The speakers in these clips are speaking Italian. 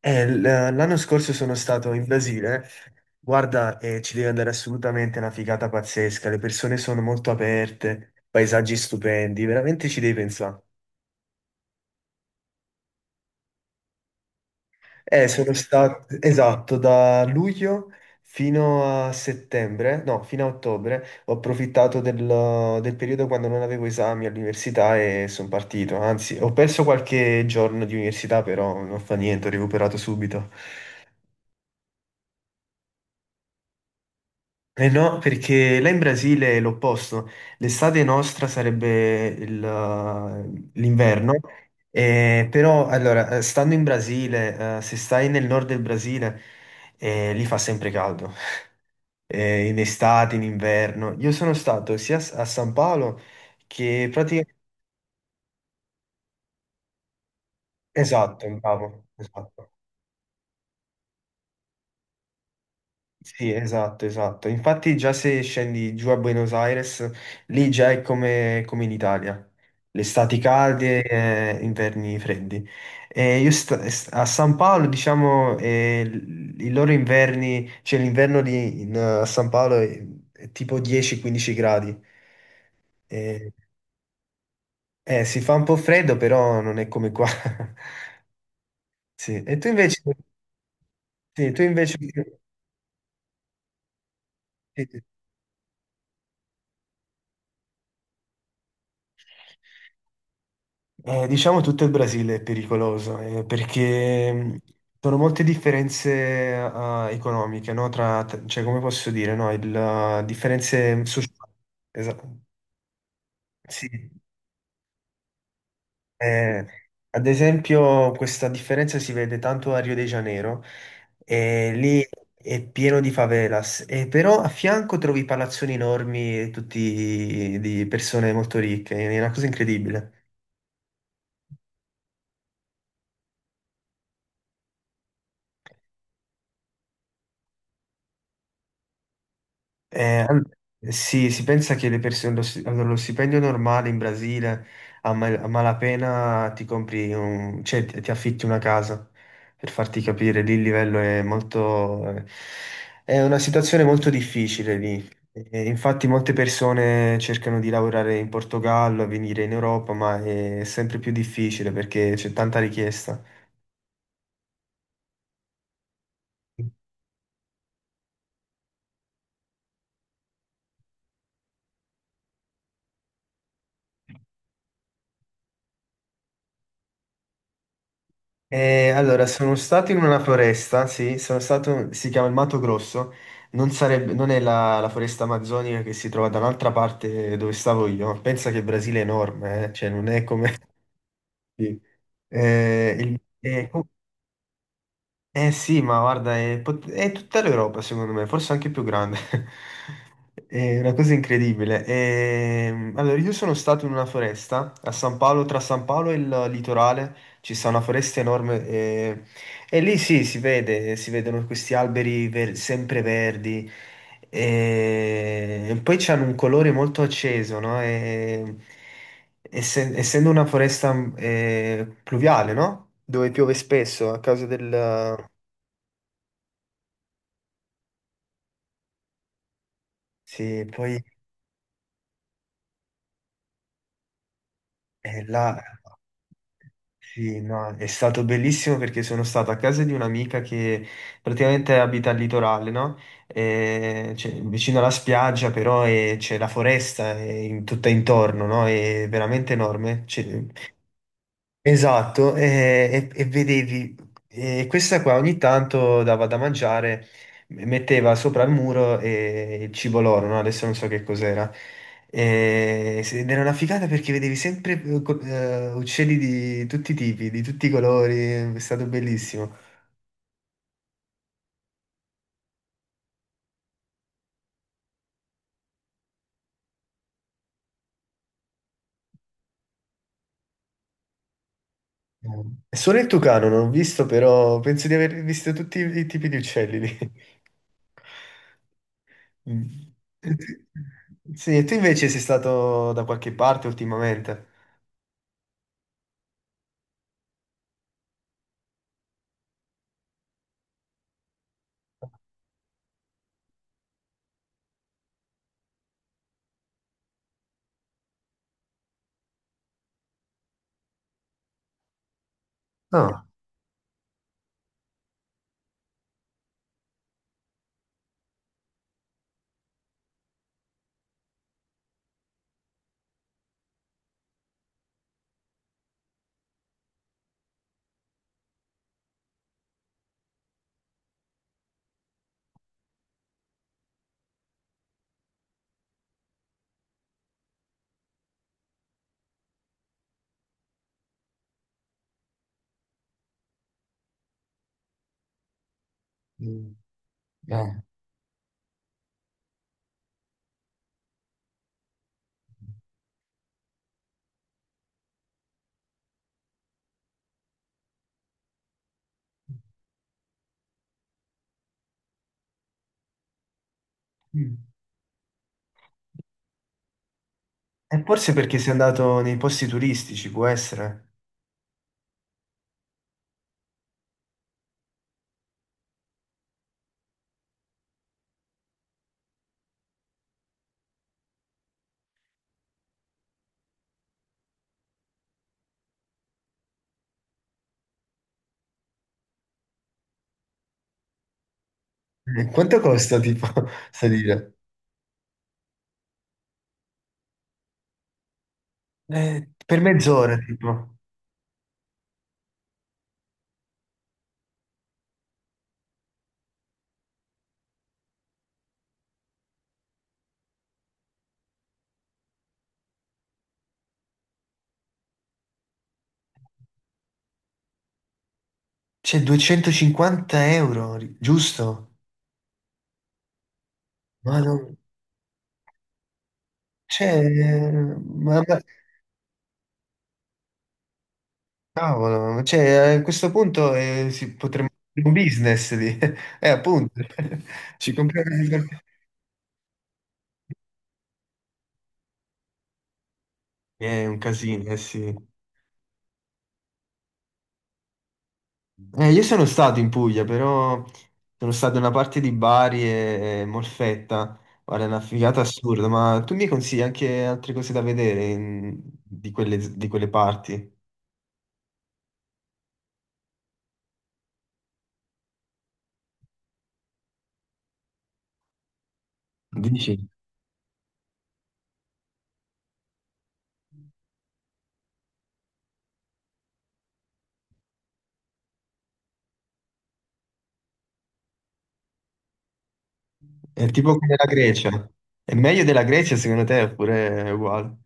L'anno scorso sono stato in Brasile. Guarda, ci devi andare assolutamente, è una figata pazzesca. Le persone sono molto aperte, paesaggi stupendi, veramente ci devi pensare. Sono stato, esatto, da luglio fino a settembre, no, fino a ottobre, ho approfittato del periodo quando non avevo esami all'università e sono partito. Anzi, ho perso qualche giorno di università, però non fa niente, ho recuperato subito. Eh no, perché là in Brasile è l'opposto. L'estate nostra sarebbe l'inverno, però allora, stando in Brasile, se stai nel nord del Brasile, lì fa sempre caldo, in estate, in inverno. Io sono stato sia a San Paolo che praticamente... Esatto, bravo, esatto. Sì, esatto, esatto. Infatti già se scendi giù a Buenos Aires, lì già è come, come in Italia. Le estati calde e inverni freddi. E io sta- A San Paolo, diciamo, i loro inverni, cioè a San Paolo è tipo 10-15 gradi. E- si fa un po' freddo, però non è come qua. Sì. E tu invece, sì, sì. Diciamo tutto il Brasile è pericoloso, perché sono molte differenze economiche, no? Cioè, come posso dire, no? Differenze sociali. Esatto. Sì. Eh, ad esempio, questa differenza si vede tanto a Rio de Janeiro, e lì è pieno di favelas, e però a fianco trovi palazzoni enormi, tutti di persone molto ricche, è una cosa incredibile. Eh, an- sì, si pensa che le persone, lo, sti- allora, lo stipendio normale in Brasile a malapena ti compri un, ti affitti una casa per farti capire, lì il livello è molto, è una situazione molto difficile lì. E infatti molte persone cercano di lavorare in Portogallo, venire in Europa, ma è sempre più difficile perché c'è tanta richiesta. Allora, sono stato in una foresta, sì, sono stato, si chiama il Mato Grosso, non è la foresta amazzonica che si trova da un'altra parte dove stavo io, pensa che il Brasile è enorme, cioè non è come... Sì. Eh, il- eh, eh sì, ma guarda, è tutta l'Europa secondo me, forse anche più grande. È una cosa incredibile. Allora, io sono stato in una foresta a San Paolo, tra San Paolo e il litorale ci sta una foresta enorme e lì sì, si vedono questi alberi sempre verdi e poi c'hanno un colore molto acceso, no? Essendo una foresta pluviale, no? Dove piove spesso a causa del, mm. Sì, poi là, sì, no, è stato bellissimo perché sono stato a casa di un'amica che praticamente abita al litorale, no? Cioè, vicino alla spiaggia, però c'è la foresta tutta intorno, no? È veramente enorme. C'è- esatto, e, e vedevi, e questa qua ogni tanto dava da mangiare, metteva sopra il muro il cibo loro, no? Adesso non so che cos'era. Ed era una figata perché vedevi sempre uccelli di tutti i tipi, di tutti i colori, è stato bellissimo. Solo il tucano non ho visto, però penso di aver visto tutti i tipi di uccelli lì. Mm. E tu- Sì, e tu invece sei stato da qualche parte ultimamente? Ah, mm, eh. Mm. E forse perché sei andato nei posti turistici, può essere. Quanto costa, tipo, salire? Per mezz'ora, tipo. C'è 250 euro, ri- giusto? Ma non... C'è... ma- cavolo, cioè, a questo punto si potremmo fare un business lì. Appunto. Ci compriamo... È un casino, eh sì. Io sono stato in Puglia, però sono stato in una parte di Bari e Molfetta. Guarda, è una figata assurda, ma tu mi consigli anche altre cose da vedere di quelle parti? Dici? È tipo come la Grecia. È meglio della Grecia secondo te oppure è uguale?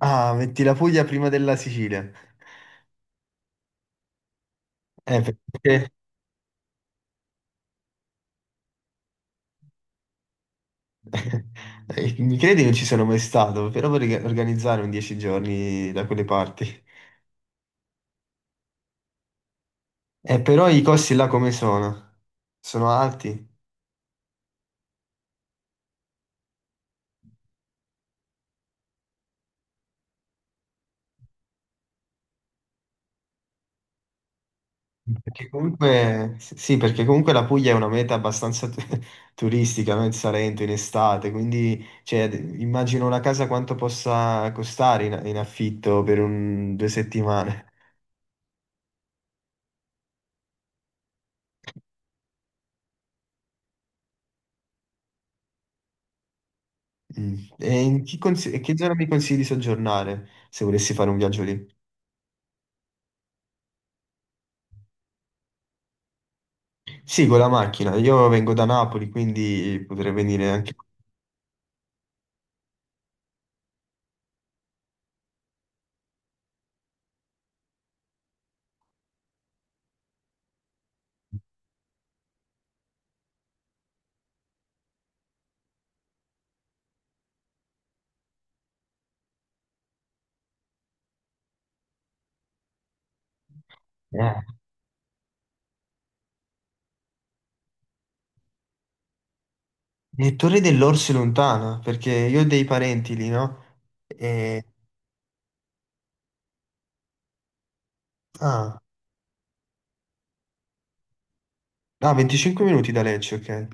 Ah, metti la Puglia prima della Sicilia. Perché... mi credi non ci sono mai stato, però vorrei organizzare un 10 giorni da quelle parti. Però i costi là come sono? Sono alti? Perché comunque, sì, perché comunque la Puglia è una meta turistica, no? Il Salento in estate, quindi cioè, immagino una casa quanto possa costare in, in affitto per 2 settimane. Mm. E che zona mi consigli di soggiornare se volessi fare un viaggio lì? Sì, con la macchina. Io vengo da Napoli, quindi potrei venire anche... E Torre dell'Orsi lontana, perché io ho dei parenti lì, no? E... Ah, ah, 25 minuti da Lecce, ok.